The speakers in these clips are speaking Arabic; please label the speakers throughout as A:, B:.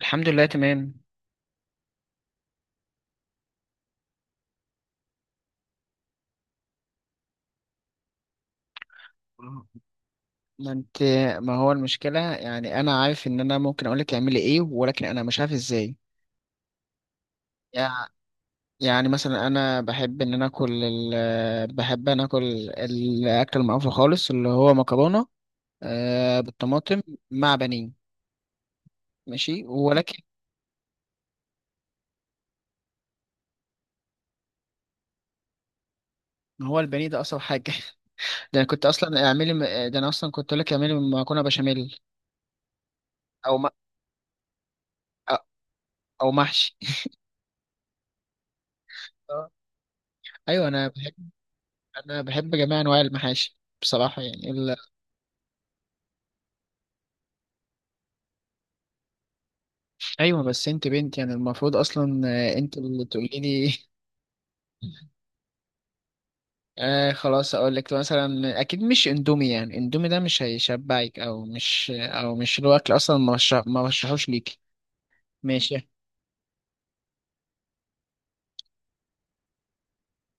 A: الحمد لله، تمام. ما انت ما هو المشكلة يعني انا عارف ان انا ممكن اقولك تعملي ايه، ولكن انا مش عارف ازاي. يع- يعني مثلا انا بحب انا اكل الاكل المعروف خالص اللي هو مكرونة، بالطماطم مع بانيه. ماشي ولكن هو البانيه ده اصعب حاجة. ده انا اصلا كنت اقول لك اعملي مكرونة بشاميل، او م... او محشي. ايوه انا بحب جميع انواع المحاشي بصراحة يعني. ايوه بس انت بنت يعني المفروض اصلا انت اللي تقولي لي. خلاص. اقول لك مثلا اكيد مش اندومي، يعني اندومي ده مش هيشبعك، او مش الاكل اصلا، ما رشحوش ليكي. ماشي.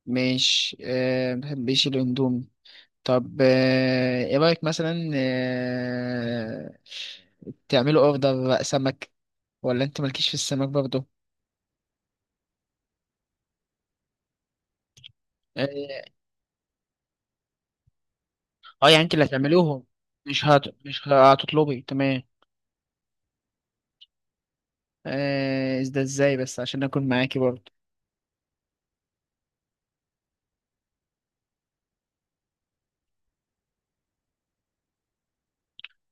A: مش ما بحبش الاندومي. طب ايه رايك مثلا تعملوا اوردر بقى سمك؟ ولا انت مالكيش في السمك برضه؟ اه يعني انت اللي هتعملوهم؟ مش هتطلبي، تمام. ده ازاي بس عشان اكون معاكي برضه.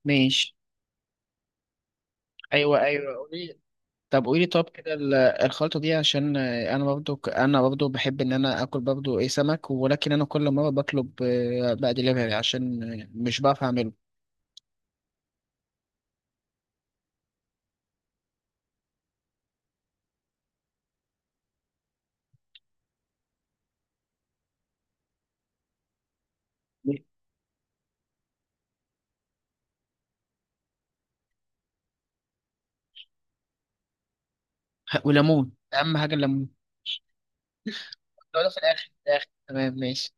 A: ماشي. ايوه، ايوه، قولي. طب كده الخلطه دي عشان انا برضه، انا برضه بحب ان انا اكل برضه ايه سمك، ولكن انا كل مره بطلب بقى دليفري عشان مش بعرف اعمله. وليمون اهم حاجه الليمون. لو ده في الاخر تمام ماشي.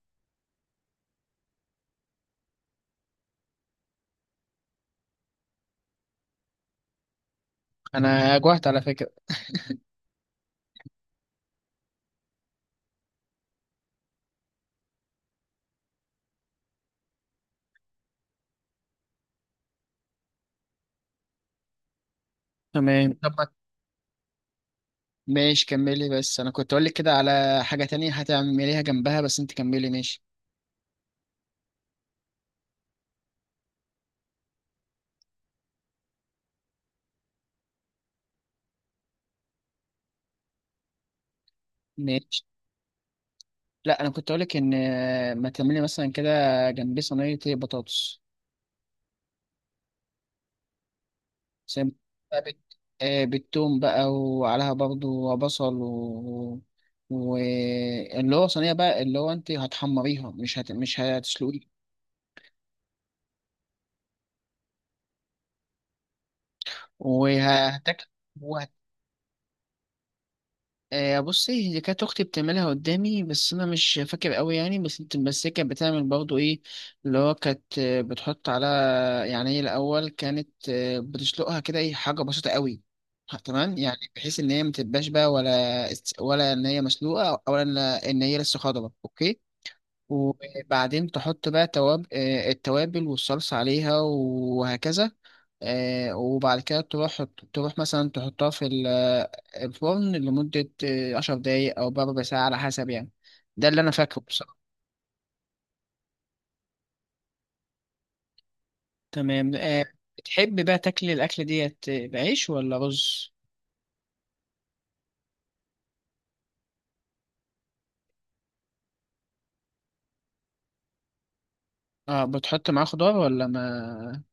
A: انا جوعت على فكره. تمام. طب. ماشي كملي، بس انا كنت اقول لك كده على حاجه تانية هتعمليها جنبها، بس انت كملي ماشي. ماشي. لا انا كنت اقول لك ان ما تعملي مثلا كده جنبيه صينيه بطاطس. زي ما بقى بالثوم بقى، وعليها برضو بصل واللي هو صينيه بقى، اللي هو انت هتحمريها مش هتسلقيها. وهتاكل. بصي، هي كانت اختي بتعملها قدامي، بس انا مش فاكر قوي يعني. بس هي كانت بتعمل برضو ايه، اللي هو كانت بتحط على، يعني هي الاول كانت بتسلقها كده ايه، حاجه بسيطه قوي. تمام، يعني بحيث ان هي ما تبقاش بقى، ولا ولا ان هي مسلوقه، ولا ان إن هي لسه خضره. اوكي. وبعدين تحط بقى تواب آه، التوابل والصلصه عليها وهكذا. وبعد كده تروح مثلا تحطها في الفرن لمدة عشر دقايق أو بربع ساعة، على حسب يعني. ده اللي أنا فاكره بصراحة. تمام. بتحب بقى تاكل الأكلة ديت بعيش ولا رز؟ اه بتحط معاه خضار ولا ما؟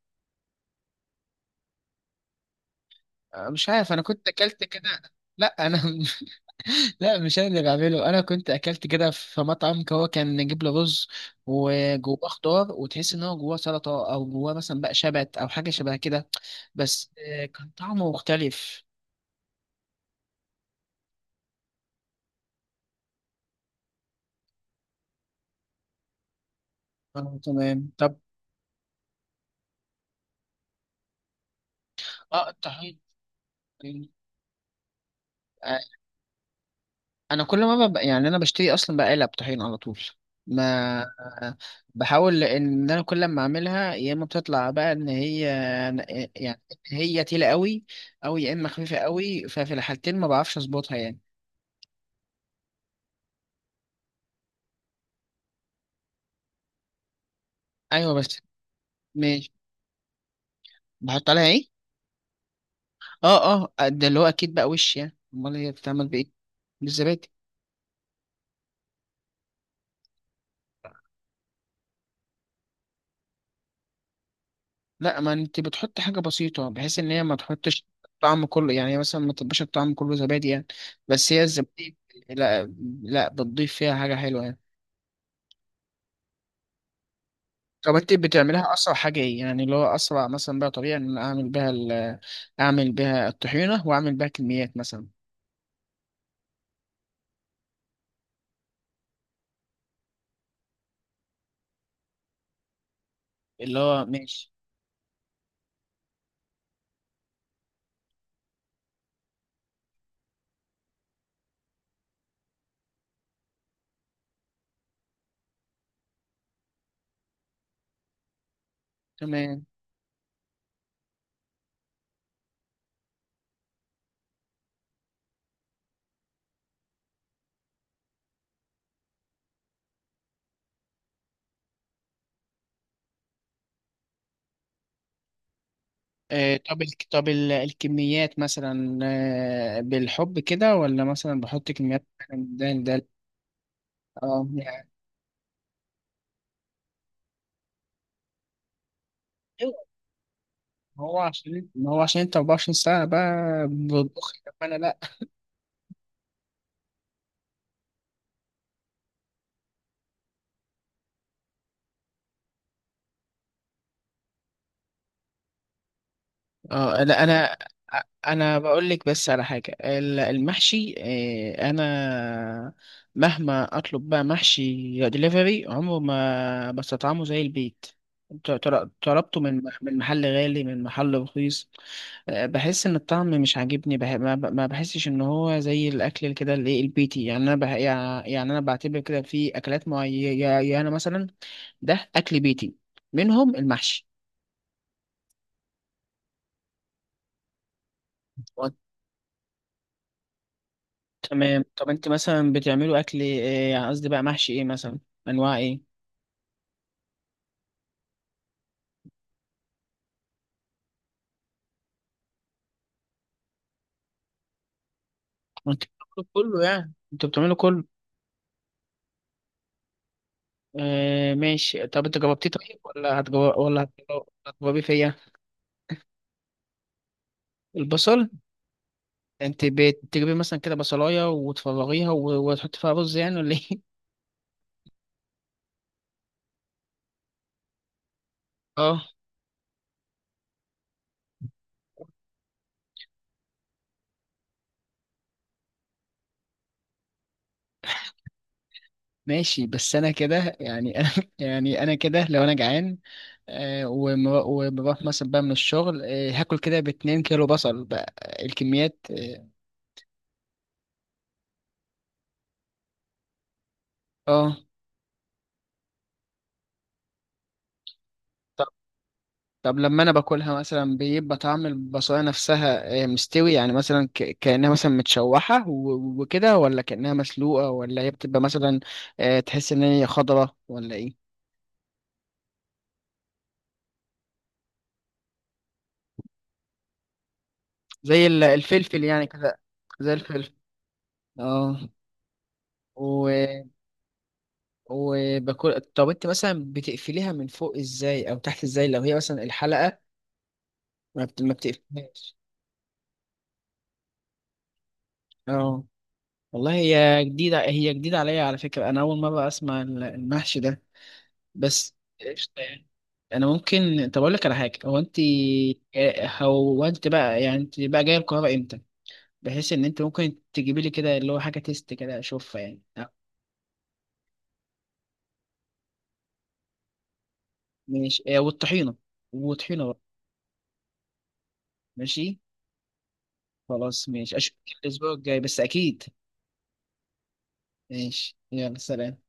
A: مش عارف أنا كنت أكلت كده. لا أنا. لا مش أنا اللي بعمله، أنا كنت أكلت كده في مطعم، هو كان نجيب له رز وجواه خضار، وتحس إن هو جواه سلطة أو جواه مثلا بقى شبت أو حاجة شبه كده. بس كان طعمه مختلف. تمام. طب اه الطحين، الطحين. آه، انا كل ما ببقى يعني انا بشتري اصلا بقالة طحين على طول. ما آه، بحاول ان انا كل ما اعملها يا اما بتطلع بقى ان هي، يعني هي تقيلة قوي او يا اما خفيفة قوي، ففي الحالتين ما بعرفش اظبطها يعني. ايوه بس. ماشي. بحط عليها ايه؟ اه اه، ده اللي هو اكيد بقى، وش يعني امال هي بتتعمل بايه؟ بالزبادي. لا، ما انت بتحط حاجه بسيطه بحيث ان هي ما تحطش طعم كله، يعني هي مثلا ما تبقاش الطعم كله زبادي يعني. بس هي الزبادي. لا، لا، بتضيف فيها حاجه حلوه يعني. طب انت بتعملها اسرع حاجه ايه، يعني اللي هو اسرع مثلا بقى طريقه ان انا اعمل بيها الطحينه، واعمل بيها كميات مثلا؟ اللي هو ماشي. تمام. الكميات مثلا؟ بالحب كده، ولا مثلا بحط كميات مثلاً ده؟ اه يعني. هو عشان ما هو عشان انت 24 ساعة بقى بتطبخ، طب انا لا. اه لا، انا بقول لك بس على حاجة المحشي. اه، انا مهما اطلب بقى محشي دليفري عمره ما بستطعمه زي البيت. طلبته من من محل غالي، من محل رخيص. بحس ان الطعم مش عاجبني. بح... ما ب- ما بحسش ان هو زي الاكل كده اللي إيه البيتي، يعني انا بح... يعني يعني انا بعتبر كده في اكلات معينه مثلا، ده اكل بيتي، منهم المحشي. و- تمام. طب انت مثلا بتعملوا اكل ايه، يعني قصدي بقى محشي ايه مثلا؟ انواع ايه؟ انت بتعملوا كله؟ يعني انت بتعملوا كله؟ ماشي. طب انت جربتيه طيب، ولا هتجرب، ولا هتجربي فيا؟ البصل؟ انت بتجيبي مثلا كده بصلايه وتفرغيها وتحطي فيها رز يعني، ولا ايه؟ اه ماشي، بس انا كده يعني، انا يعني انا كده لو انا جعان وبروح مثلا بقى من الشغل هاكل كده باتنين كيلو بصل بقى، الكميات اه. آه. طب طب لما انا باكلها مثلا بيبقى طعم البصلايه نفسها آه مستوي، يعني مثلا كانها مثلا متشوحه وكده، ولا كانها مسلوقه، ولا هي بتبقى مثلا تحس ان هي خضره ولا ايه؟ زي الفلفل يعني كده. زي الفلفل. اه وباكل. طب انت مثلا بتقفليها من فوق ازاي، او تحت ازاي، لو هي مثلا الحلقة؟ ما بتقفلهاش. اه والله، هي جديدة، هي جديدة عليا على فكرة، انا اول مرة اسمع المحشي ده. بس. قشطة يعني. انا ممكن طب اقول لك على حاجة، هو انت؟ اه، هو انت بقى يعني انت بقى جاية القاهرة امتى، بحيث ان انت ممكن تجيبي لي كده اللي هو حاجة تيست كده اشوفها يعني؟ اه، ماشي. اه، والطحينة، والطحينة بقى. ماشي. خلاص ماشي، اشوفك الاسبوع الجاي بس اكيد. ماشي يلا سلام.